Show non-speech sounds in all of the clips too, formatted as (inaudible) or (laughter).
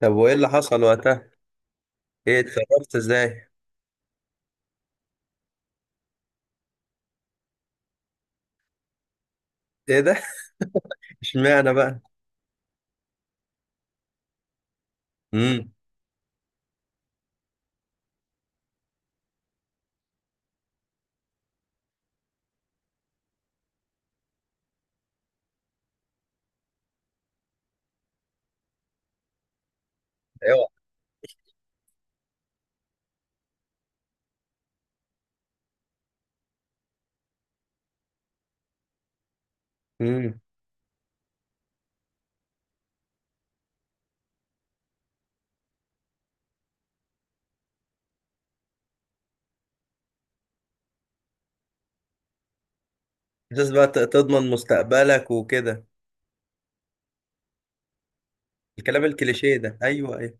طب وايه اللي حصل وقتها؟ ايه اتصرفت ازاي؟ ايه ده؟ (laughs) اشمعنى بقى؟ امم. ايوه. امم. اساس بقى، تضمن مستقبلك وكده. الكلام الكليشيه ده، ايوه ايوه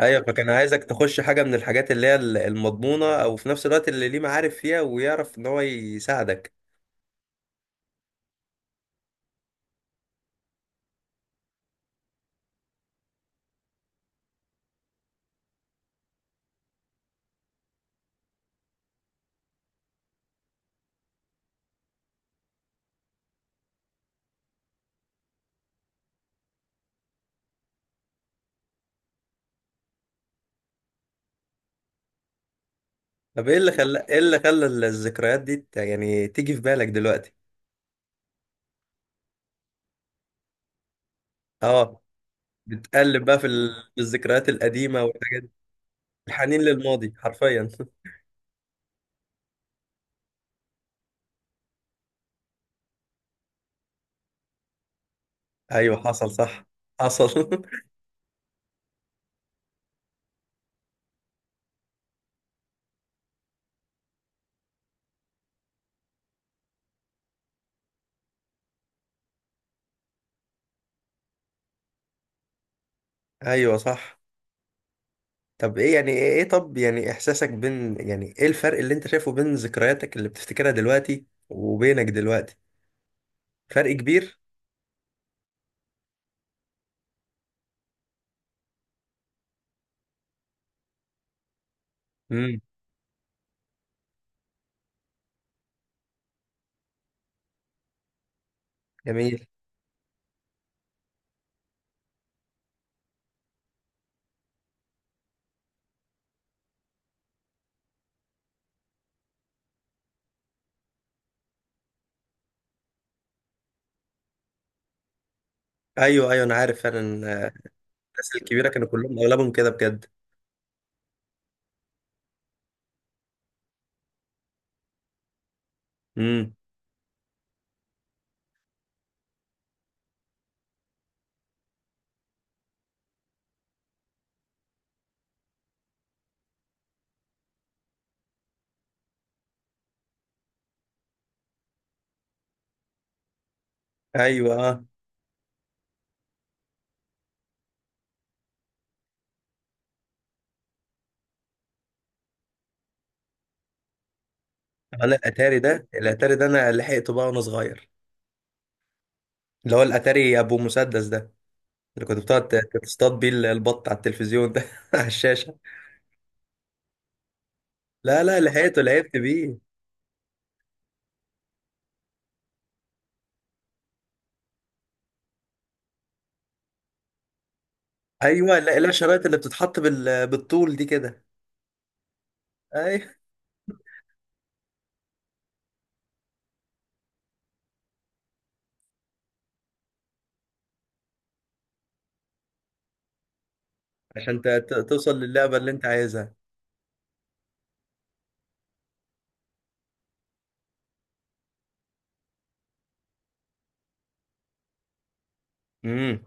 ايوه. فكان عايزك تخش حاجه من الحاجات اللي هي المضمونه، او في نفس الوقت اللي ليه معارف فيها ويعرف ان هو يساعدك. طب ايه اللي خلى الذكريات دي يعني تيجي في بالك دلوقتي؟ اه. بتقلب بقى في الذكريات القديمه والحاجات دي. الحنين للماضي حرفيا. (laughs) ايوه حصل، صح. حصل. (laughs) ايوه صح. طب ايه يعني ايه إيه طب يعني احساسك يعني ايه الفرق اللي انت شايفه بين ذكرياتك اللي بتفتكرها دلوقتي وبينك دلوقتي؟ فرق كبير. امم. جميل. ايوه ايوه انا عارف فعلا. آه، الناس الكبيره كانوا كلهم اغلبهم كده بجد. امم. ايوه اه. انا الاتاري ده، انا لحقته بقى وانا صغير. اللي هو الاتاري ابو مسدس ده، اللي كنت بتقعد تصطاد بيه البط على التلفزيون ده (laughs) على الشاشه. لا لا، لحقته، لعبت بيه. ايوه لا لا، الشرايط اللي بتتحط بالطول دي كده. ايوه. عشان توصل للعبة اللي انت عايزها. امم.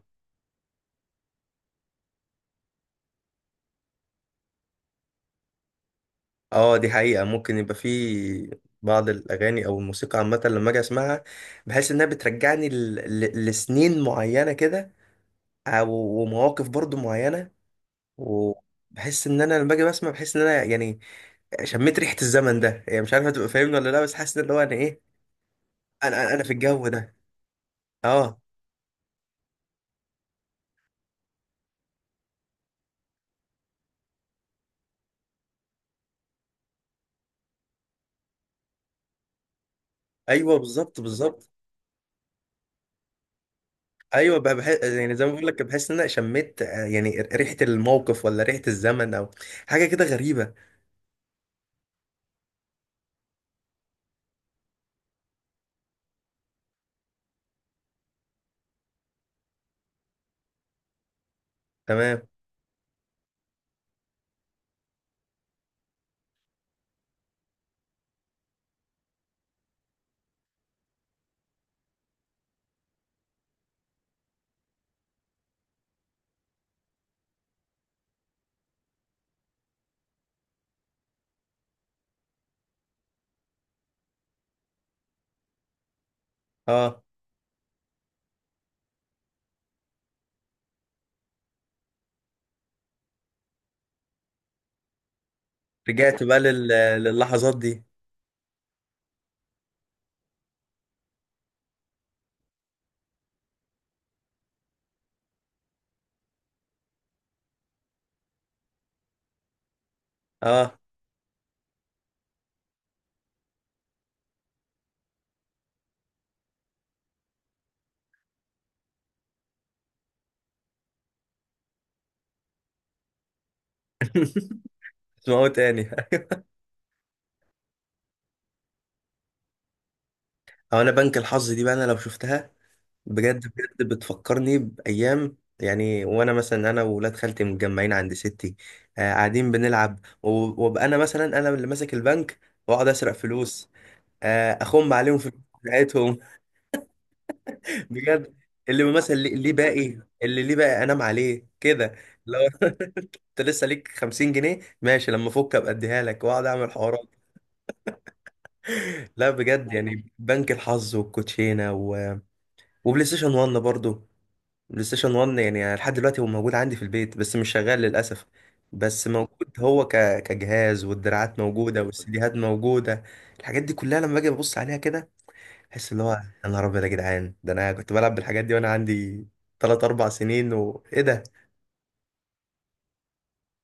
اه دي حقيقة، ممكن يبقى في بعض الأغاني أو الموسيقى عامة لما أجي أسمعها، بحس إنها بترجعني لسنين معينة كده، أو ومواقف برضو معينة. وبحس إن أنا لما أجي بسمع، بحس إن أنا يعني شميت ريحة الزمن ده، يعني مش عارف هتبقى فاهمني ولا لأ، بس حاسس إن هو أنا إيه، أنا في الجو ده. اه. أيوه بالظبط بالظبط. ايوه بقى بحس، يعني زي ما بقول لك، بحس ان انا شميت، يعني ريحه الموقف ولا ريحه الزمن، او حاجه كده غريبه. تمام. اه رجعت بقى للحظات دي. اه. اسمعوا تاني. (laughs) او انا بنك الحظ دي بقى، انا لو شفتها بجد بجد بتفكرني بايام، يعني وانا مثلا، انا وولاد خالتي متجمعين عند ستي، قاعدين بنلعب وابقى انا مثلا، انا اللي ماسك البنك واقعد اسرق فلوس. اخم عليهم في (laughs) الفلوس بتاعتهم. بجد. اللي مثلا ليه، بقى ايه اللي ليه بقى انام عليه كده؟ لو (laughs) انت لسه ليك 50 جنيه، ماشي، لما افك ابقى اديها لك واقعد اعمل حوارات. لا بجد، يعني بنك الحظ والكوتشينه وبلاي ستيشن 1 برضو. بلاي ستيشن 1 يعني لحد دلوقتي هو موجود عندي في البيت بس مش شغال للاسف. بس موجود هو كجهاز، والدراعات موجوده والسيديهات موجوده. الحاجات دي كلها لما باجي ابص عليها كده، تحس اللي هو يا نهار ابيض يا جدعان، ده انا كنت بلعب بالحاجات دي وانا عندي 3-4 سنين، وايه ده.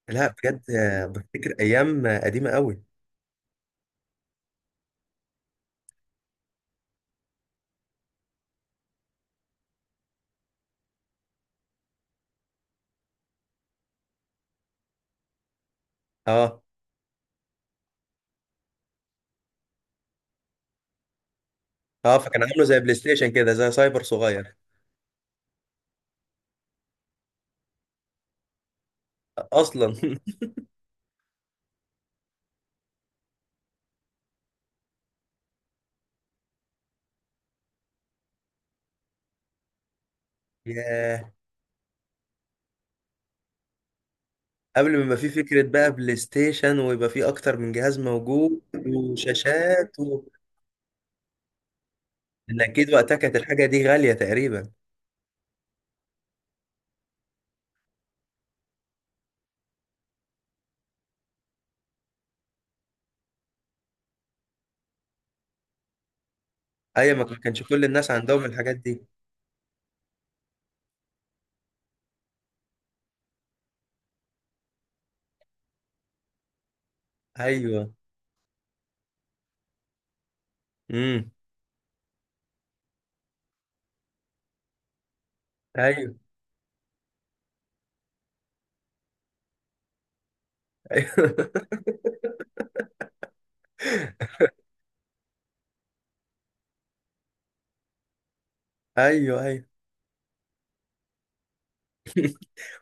لا بجد، بفتكر ايام قديمه قوي. اه اه. فكان عامله زي بلاي ستيشن كده، زي سايبر صغير. اصلا. (laughs) ياه. قبل ما يبقى في فكره بقى بلاي ستيشن ويبقى في اكتر من جهاز موجود وشاشات ان اكيد وقتها كانت الحاجه دي غاليه تقريبا. ايوه ما كانش كل الناس عندهم الحاجات دي. ايوه. امم. ايوه. (laughs) ايوه ايوه.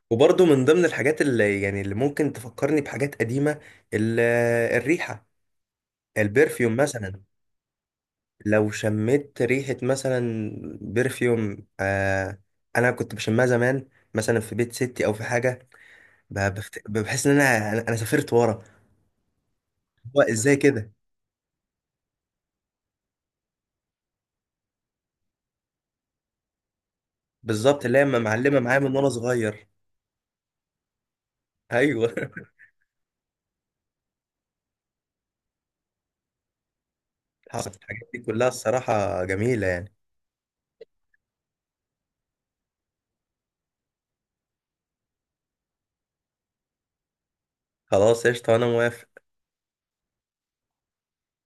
وبرضه من ضمن الحاجات اللي يعني، اللي ممكن تفكرني بحاجات قديمة، الريحة، البرفيوم مثلا. لو شميت ريحة مثلا برفيوم، أنا كنت بشمها زمان، مثلا في بيت ستي أو في حاجة. بحس إن أنا، أنا سافرت ورا. هو إزاي كده. بالظبط، اللي هي معلمة معايا من وأنا صغير. أيوه. (laughs) حصلت الحاجات دي كلها، الصراحة جميلة يعني. خلاص قشطة، أنا موافق.